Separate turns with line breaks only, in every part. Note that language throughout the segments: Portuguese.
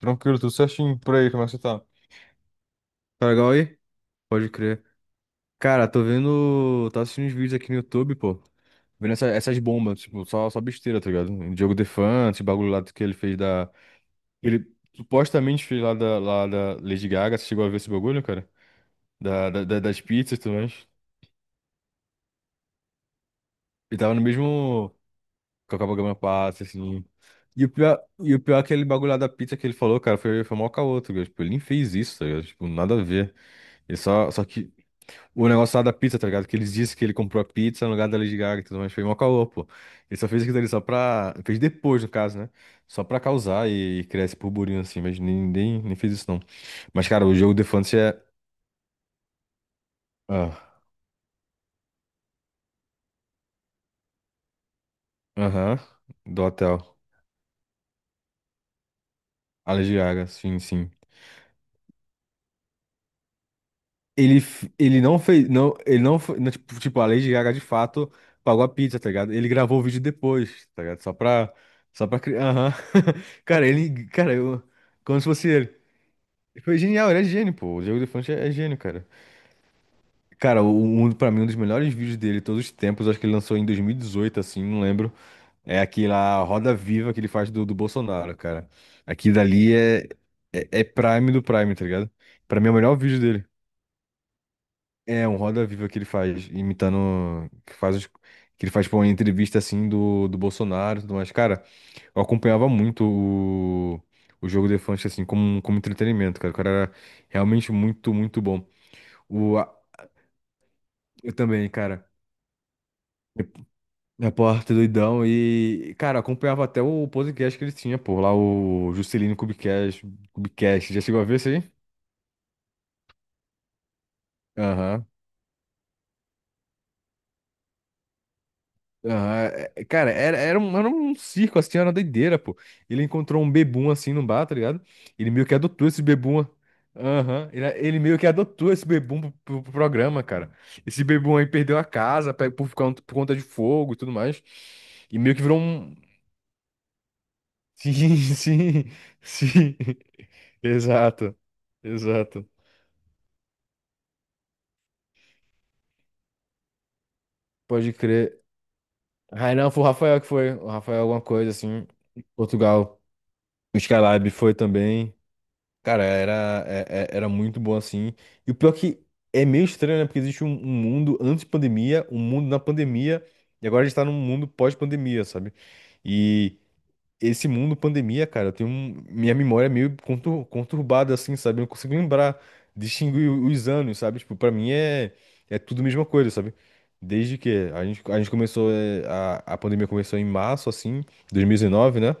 Tranquilo, tudo certinho por aí, como é que você tá? Tá legal aí? Pode crer. Cara, tô vendo. Tô assistindo uns vídeos aqui no YouTube, pô. Vendo essas bombas, tipo, só besteira, tá ligado? Diogo Defante, esse bagulho lá que ele fez da. Ele supostamente fez lá da Lady Gaga. Você chegou a ver esse bagulho, cara? Das pizzas e tudo mais. Ele tava no mesmo, com a Copacabana. Passa assim. E o pior é aquele bagulho lá da pizza que ele falou, cara, foi mó caô, tá ligado? Tipo, ele nem fez isso, tá ligado? Tipo, nada a ver. Ele só, só que. O negócio lá da pizza, tá ligado? Que eles disseram que ele comprou a pizza no lugar da Lady Gaga e tudo mais. Foi mó caô, pô. Ele só fez aquilo ali só pra. Fez depois, no caso, né? Só pra causar e criar esse burburinho assim. Mas nem fez isso, não. Mas, cara, o jogo The Fantasy é. Ah, aham. Do hotel. A Lady Gaga, sim, sim. Ele não fez. Não, ele não, não, tipo, a Lady Gaga de fato pagou a pizza, tá ligado? Ele gravou o vídeo depois, tá ligado? Só pra. Só pra criar. Aham. Cara, ele. Cara, eu. Como se fosse ele. Foi genial, ele é gênio, pô. O Diogo Defante é gênio, cara. Cara, pra mim, um dos melhores vídeos dele todos os tempos, acho que ele lançou em 2018, assim, não lembro. É aquela Roda Viva que ele faz do Bolsonaro, cara. Aqui dali é prime do prime, tá ligado? Pra mim é o melhor vídeo dele. É um Roda Viva que ele faz, imitando. Que ele faz, pô, uma entrevista, assim, do Bolsonaro e tudo mais. Cara, eu acompanhava muito o Diogo Defante, assim, como entretenimento, cara. O cara era realmente muito, muito bom. O, Eu também, cara. Repórter doidão e, cara, acompanhava até o podcast que ele tinha, pô, lá o Juscelino Kubicast, Kubicast. Já chegou a ver isso aí? Aham. Aham. Cara, era um circo, assim, era uma doideira, pô. Ele encontrou um bebum assim no bar, tá ligado? Ele meio que adotou esse bebum. Aham. Ele meio que adotou esse bebum pro programa, cara. Esse bebum aí perdeu a casa pe- por conta de fogo e tudo mais. E meio que virou um. Sim, sim, sim. Exato, exato. Pode crer. Ah, não, foi o Rafael que foi. O Rafael, alguma coisa assim. Portugal. O Skylab foi também. Cara, era, é- é- era muito bom assim. E o pior que é meio estranho, né? Porque existe um mundo antes pandemia, um mundo na pandemia, e agora a gente tá num mundo pós-pandemia, sabe? E esse mundo pandemia, cara, eu tenho minha memória é meio conturbada, assim, sabe? Eu não consigo lembrar, distinguir os anos, sabe? Tipo, pra mim é tudo a mesma coisa, sabe? Desde que a gente começou, é, a pandemia começou em março, assim, 2019, né?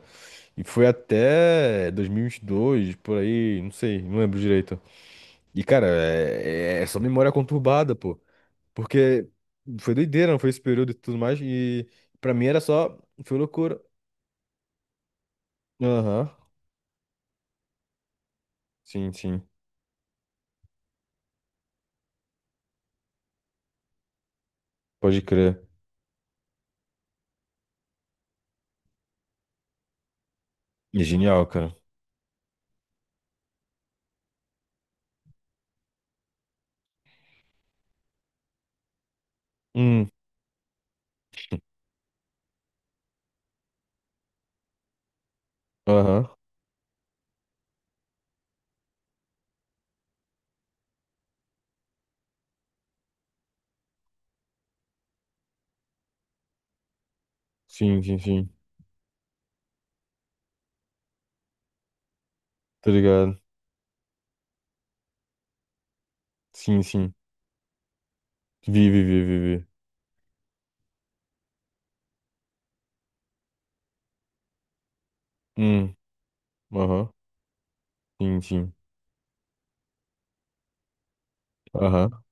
E foi até 2022, por aí, não sei, não lembro direito. E, cara, é só memória é conturbada, pô. Porque foi doideira, não foi esse período e tudo mais. E pra mim era só, foi loucura. Aham, sim, sim. Pode crer. E genial, cara. Hum, aham. Sim, sim, sim. Tá ligado? Sim, sim. Vi, vi, vi, vi, vi. Hum, aham. Sim, sim. Aham.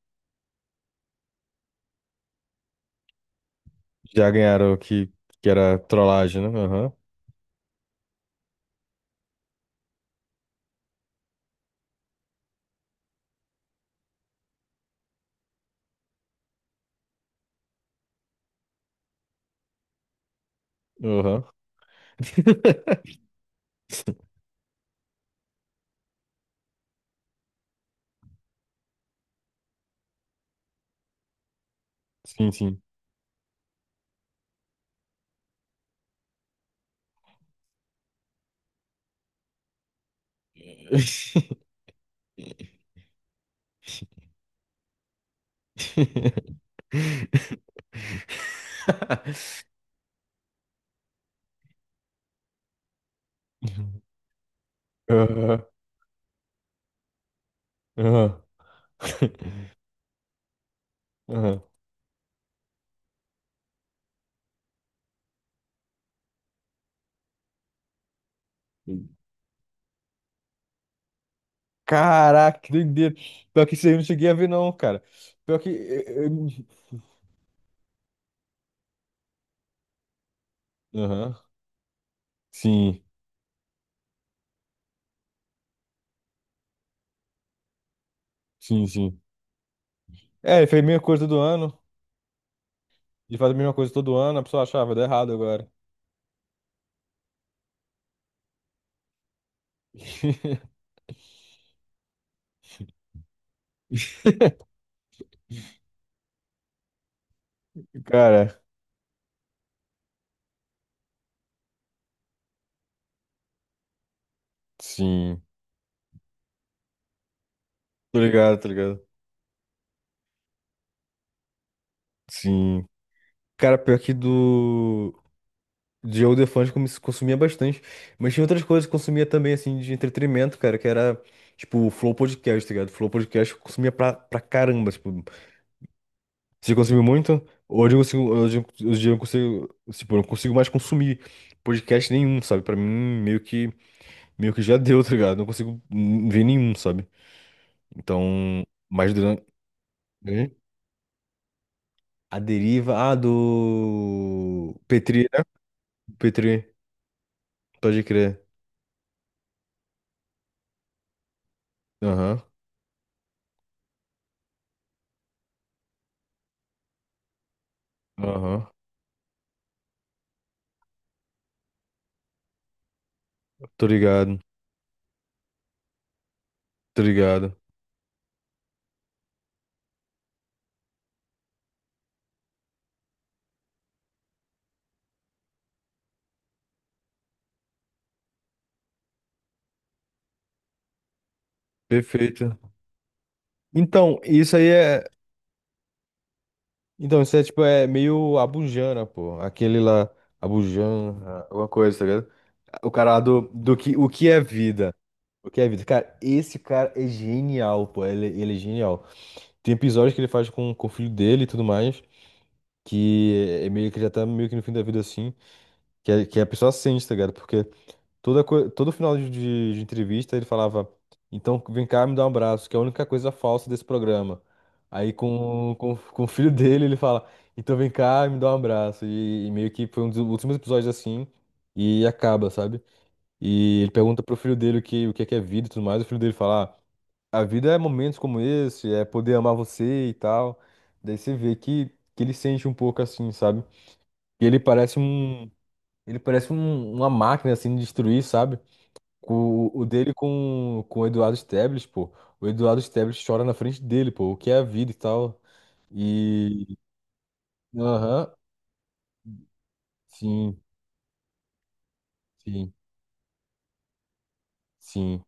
Já ganharam o que, era trollagem, né? Aham. Aham. Sim, sim. Aham. Aham. Aham. Caraca, que doideira. Pior que isso aí eu não cheguei a ver, não, cara. Pior que. Aham. Sim, sim, sim. É, ele fez a mesma coisa todo ano, de fazer a mesma coisa todo ano, a pessoa achava, deu errado agora. Cara, sim. Tô ligado, tô ligado. Sim. Cara, pior que do. De Joe Defante como se consumia bastante. Mas tinha outras coisas que consumia também, assim, de entretenimento, cara, que era, tipo, o Flow Podcast, tá ligado? Flow Podcast eu consumia pra, pra caramba, tipo. Você consumiu muito? Hoje eu consigo. Hoje eu não consigo. Tipo, eu não consigo mais consumir podcast nenhum, sabe? Pra mim, meio que. Meio que já deu, tá ligado? Não consigo ver nenhum, sabe? Então, mais durante. Hein? A deriva. Ah, do. Petri, né? Petri, pode crer. Aham, aham. Tô ligado, tô ligado. Perfeito. Então, isso aí é. Então, isso é tipo, é meio Abujamra, pô. Aquele lá, Abujamra, alguma coisa, tá ligado? O cara lá do, do que, o que é vida. O que é vida? Cara, esse cara é genial, pô. Ele é genial. Tem episódios que ele faz com o filho dele e tudo mais, que é meio que já tá meio que no fim da vida assim, que, a- que é a pessoa sente, tá ligado? Porque todo final de entrevista ele falava, então vem cá me dar um abraço, que é a única coisa falsa desse programa. Aí com o filho dele ele fala, então vem cá me dá um abraço. E meio que foi um dos últimos episódios assim, e acaba, sabe? E ele pergunta pro filho dele o que é vida e tudo mais, o filho dele fala: "Ah, a vida é momentos como esse, é poder amar você e tal. Daí você vê que ele sente um pouco assim, sabe? E ele parece uma máquina assim de destruir, sabe? O dele com o Eduardo Sterblitch, pô. O Eduardo Sterblitch chora na frente dele, pô. O que é a vida e tal. E. Aham. Sim, sim, sim.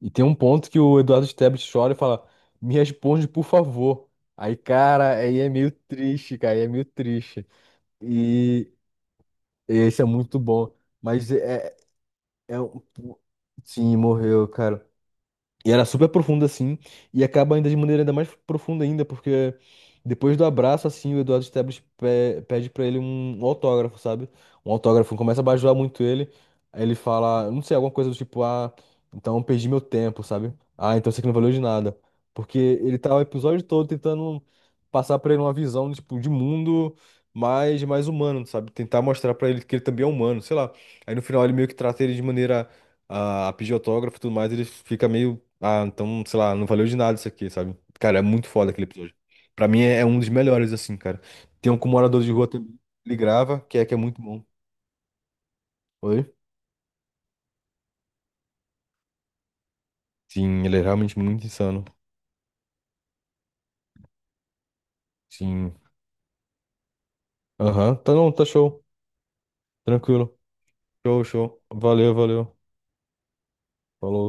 E tem um ponto que o Eduardo Sterblitch chora e fala: Me responde, por favor. Aí, cara, aí é meio triste, cara. Aí é meio triste. E, esse é muito bom. Mas é um. Sim, morreu, cara. E era super profundo assim, e acaba ainda de maneira ainda mais profunda ainda, porque depois do abraço, assim, o Eduardo Sterblitch pe- pede pra ele um autógrafo, sabe? Um autógrafo, começa a bajular muito ele, aí ele fala, não sei, alguma coisa do tipo, ah, então eu perdi meu tempo, sabe? Ah, então isso aqui não valeu de nada. Porque ele tá o episódio todo tentando passar pra ele uma visão, tipo, de mundo mais humano, sabe? Tentar mostrar pra ele que ele também é humano, sei lá. Aí no final ele meio que trata ele de maneira a pedir autógrafo e tudo mais, ele fica meio. Ah, então, sei lá, não valeu de nada isso aqui, sabe? Cara, é muito foda aquele episódio. Pra mim é um dos melhores, assim, cara. Tem um com morador de rua também. Ele grava, que é muito bom. Oi? Sim, ele é realmente muito insano. Sim. Aham. Tá não, tá show. Tranquilo. Show, show. Valeu, valeu. Falou.